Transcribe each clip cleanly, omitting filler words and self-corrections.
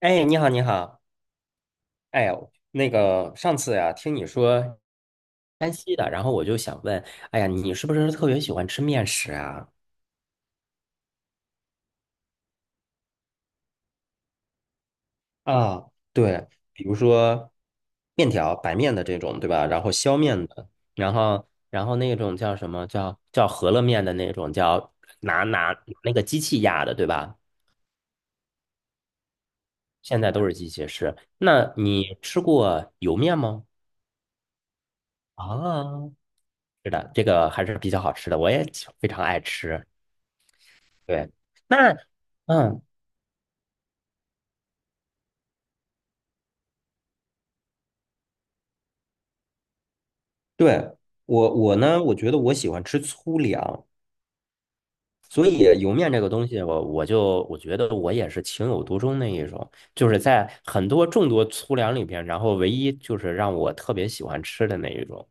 哎，你好，你好，哎呦，那个上次呀、听你说山西的，然后我就想问，哎呀，你是不是特别喜欢吃面食啊？啊，对，比如说面条、白面的这种，对吧？然后削面的，然后那种叫什么叫饸饹面的那种，叫拿那个机器压的，对吧？现在都是机械式。那你吃过油面吗？啊，是的，这个还是比较好吃的，我也非常爱吃。对，那嗯，对，我呢，我觉得我喜欢吃粗粮，所以油面这个东西我觉得我也是情有独钟那一种，就是在很多众多粗粮里边，然后唯一就是让我特别喜欢吃的那一种。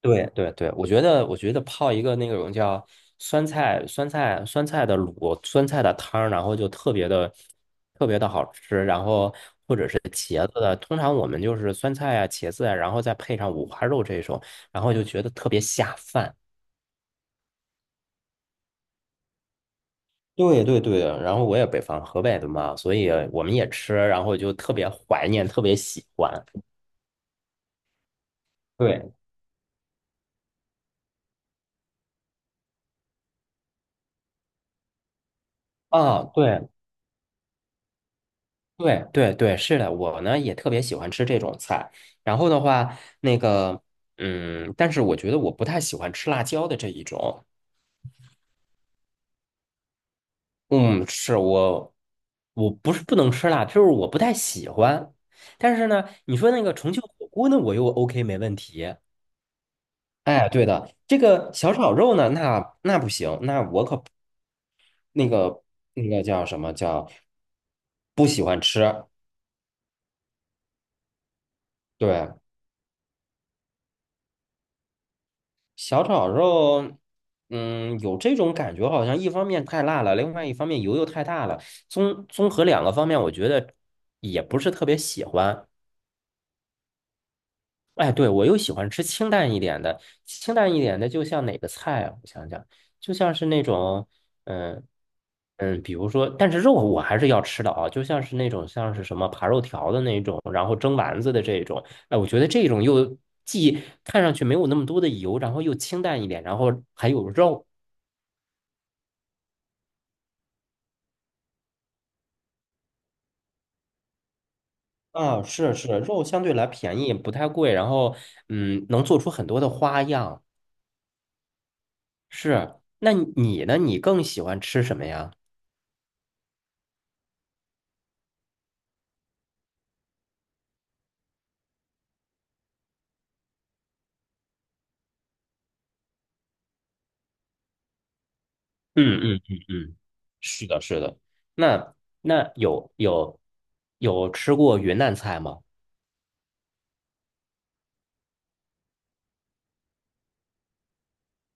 对对对，我觉得，我觉得泡一个那种叫酸菜、酸菜、酸菜的卤、酸菜的汤儿，然后就特别的、特别的好吃。然后或者是茄子的，通常我们就是酸菜啊、茄子啊，然后再配上五花肉这种，然后就觉得特别下饭。对对对，然后我也北方河北的嘛，所以我们也吃，然后就特别怀念，特别喜欢。对啊，对，对对对，是的，我呢也特别喜欢吃这种菜。然后的话，那个，但是我觉得我不太喜欢吃辣椒的这一种。嗯，是我，我不是不能吃辣，就是我不太喜欢。但是呢，你说那个重庆火锅呢，我又 OK 没问题。哎，对的，这个小炒肉呢，那不行，那我可不，那个那个叫什么不喜欢吃。对，小炒肉，有这种感觉，好像一方面太辣了，另外一方面油又太大了。综合两个方面，我觉得也不是特别喜欢。哎，对，我又喜欢吃清淡一点的，清淡一点的，就像哪个菜啊？我想想，就像是那种，嗯比如说，但是肉我还是要吃的啊，就像是那种像是什么扒肉条的那种，然后蒸丸子的这种，哎，我觉得这种既看上去没有那么多的油，然后又清淡一点，然后还有肉。啊，是是，肉相对来便宜，不太贵，然后能做出很多的花样。是，那你呢？你更喜欢吃什么呀？嗯嗯嗯嗯，是的，是的。那那有吃过云南菜吗？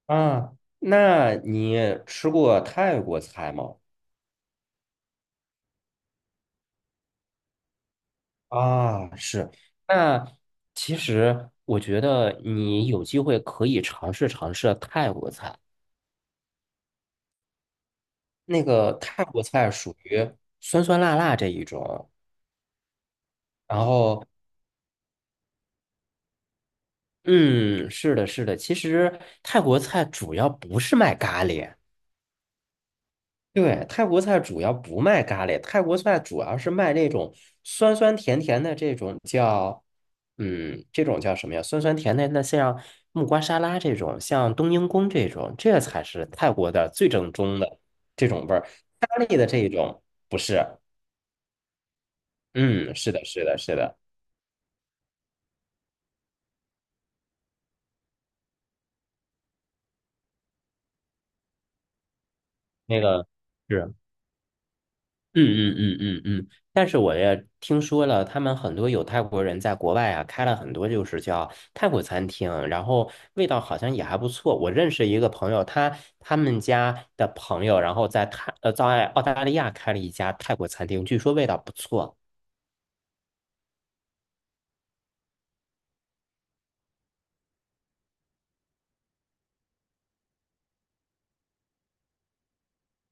啊，那你吃过泰国菜吗？啊，是。那其实我觉得你有机会可以尝试尝试泰国菜。那个泰国菜属于酸酸辣辣这一种，然后嗯，是的，是的，其实泰国菜主要不是卖咖喱，对，泰国菜主要不卖咖喱，泰国菜主要是卖那种酸酸甜甜的这种叫，这种叫什么呀？酸酸甜甜的，像木瓜沙拉这种，像冬阴功这种，这才是泰国的最正宗的这种味儿，咖喱的这一种不是，嗯，是的，是的，是的，那个。是。嗯嗯嗯嗯嗯，但是我也听说了，他们很多有泰国人在国外啊，开了很多就是叫泰国餐厅，然后味道好像也还不错。我认识一个朋友，他们家的朋友，然后在澳大利亚开了一家泰国餐厅，据说味道不错。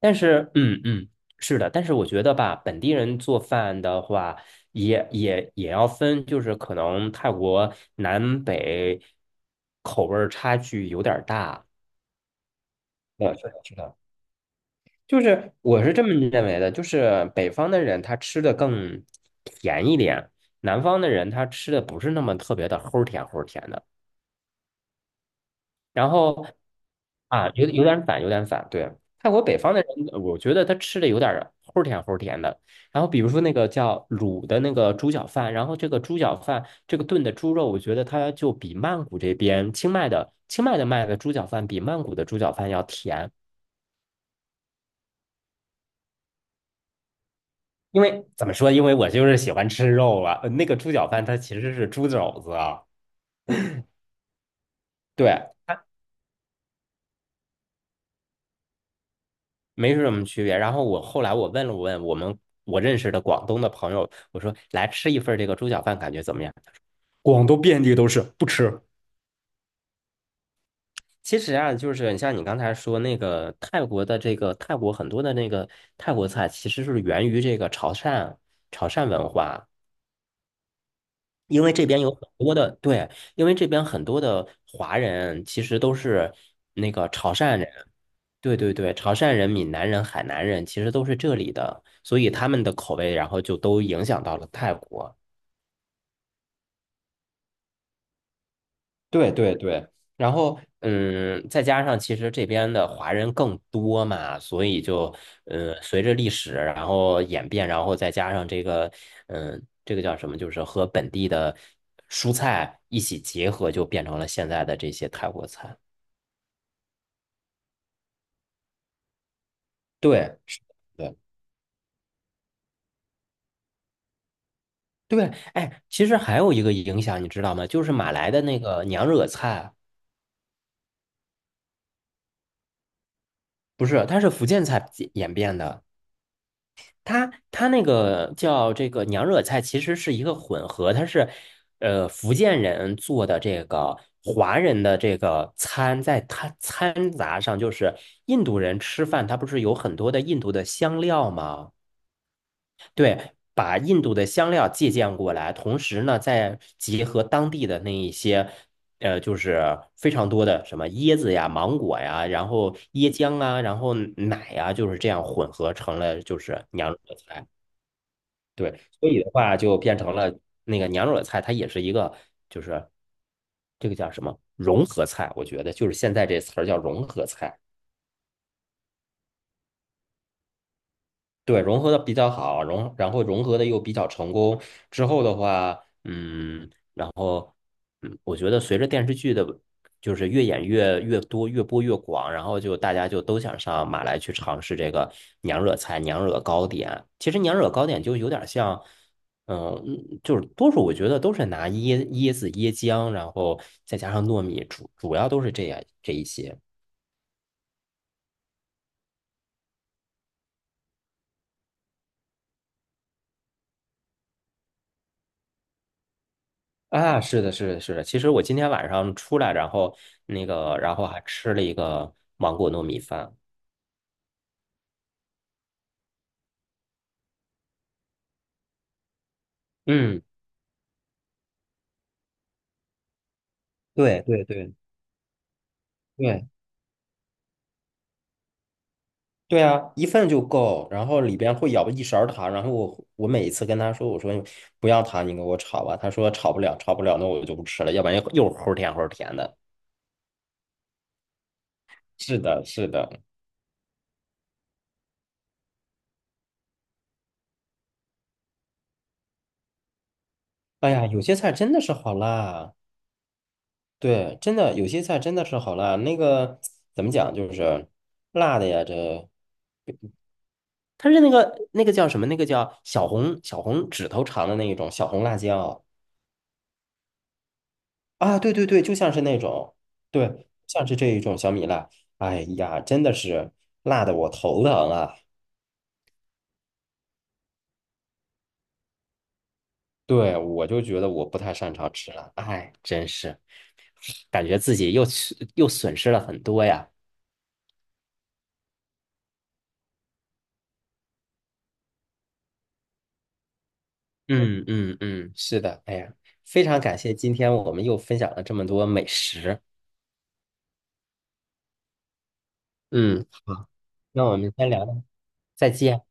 但是，是的，但是我觉得吧，本地人做饭的话，也要分，就是可能泰国南北口味儿差距有点儿大。对，是的，是的。就是我是这么认为的，就是北方的人他吃的更甜一点，南方的人他吃的不是那么特别的齁甜齁甜的。然后啊，有点反，有点反，对。泰国北方的人，我觉得他吃的有点儿齁甜齁甜的。然后比如说那个叫卤的那个猪脚饭，然后这个猪脚饭这个炖的猪肉，我觉得它就比曼谷这边清迈的卖的猪脚饭比曼谷的猪脚饭要甜。因为怎么说？因为我就是喜欢吃肉了。那个猪脚饭它其实是猪肘子啊，对，它没什么区别。然后我后来问了问我认识的广东的朋友，我说来吃一份儿这个猪脚饭，感觉怎么样？广东遍地都是，不吃。其实啊，就是你像你刚才说那个泰国的这个泰国很多的那个泰国菜，其实是源于这个潮汕文化。因为这边有很多的，对，因为这边很多的华人其实都是那个潮汕人，对对对，潮汕人、闽南人、海南人其实都是这里的，所以他们的口味，然后就都影响到了泰国。对对对，然后再加上其实这边的华人更多嘛，所以就随着历史然后演变，然后再加上这个叫什么，就是和本地的蔬菜一起结合，就变成了现在的这些泰国菜。对，是的对对，哎，其实还有一个影响，你知道吗？就是马来的那个娘惹菜，不是，它是福建菜演变的。它它那个叫这个娘惹菜，其实是一个混合，它是福建人做的这个华人的这个餐，在它掺杂上，就是印度人吃饭，它不是有很多的印度的香料吗？对，把印度的香料借鉴过来，同时呢，再结合当地的那一些。就是非常多的什么椰子呀、芒果呀，然后椰浆啊，然后奶呀，就是这样混合成了就是娘惹菜。对，所以的话就变成了那个娘惹菜，它也是一个就是这个叫什么融合菜，我觉得就是现在这词儿叫融合菜。对，融合的比较好，然后融合的又比较成功。之后的话，然后我觉得随着电视剧的，就是越演越多，越播越广，然后就大家就都想上马来去尝试这个娘惹菜、娘惹糕点。其实娘惹糕点就有点像，就是多数我觉得都是拿椰子、椰浆，然后再加上糯米，主要都是这样这一些。啊，是的，是的，是的。其实我今天晚上出来，然后那个，然后还吃了一个芒果糯米饭。嗯，对对对对对啊，一份就够，然后里边会舀一勺糖，然后我每一次跟他说，我说不要糖，你给我炒吧。他说炒不了，炒不了，那我就不吃了，要不然又齁甜齁甜的。是的，是的。哎呀，有些菜真的是好辣，对，真的有些菜真的是好辣。那个怎么讲，就是辣的呀，这。它是那个那个叫什么？那个叫小红指头长的那一种小红辣椒啊！对对对，就像是那种，对，像是这一种小米辣。哎呀，真的是辣的我头疼啊！对，我就觉得我不太擅长吃辣，哎，真是感觉自己又吃又损失了很多呀。嗯嗯嗯，是的，哎呀，非常感谢今天我们又分享了这么多美食。嗯，好，那我们先聊聊，再见。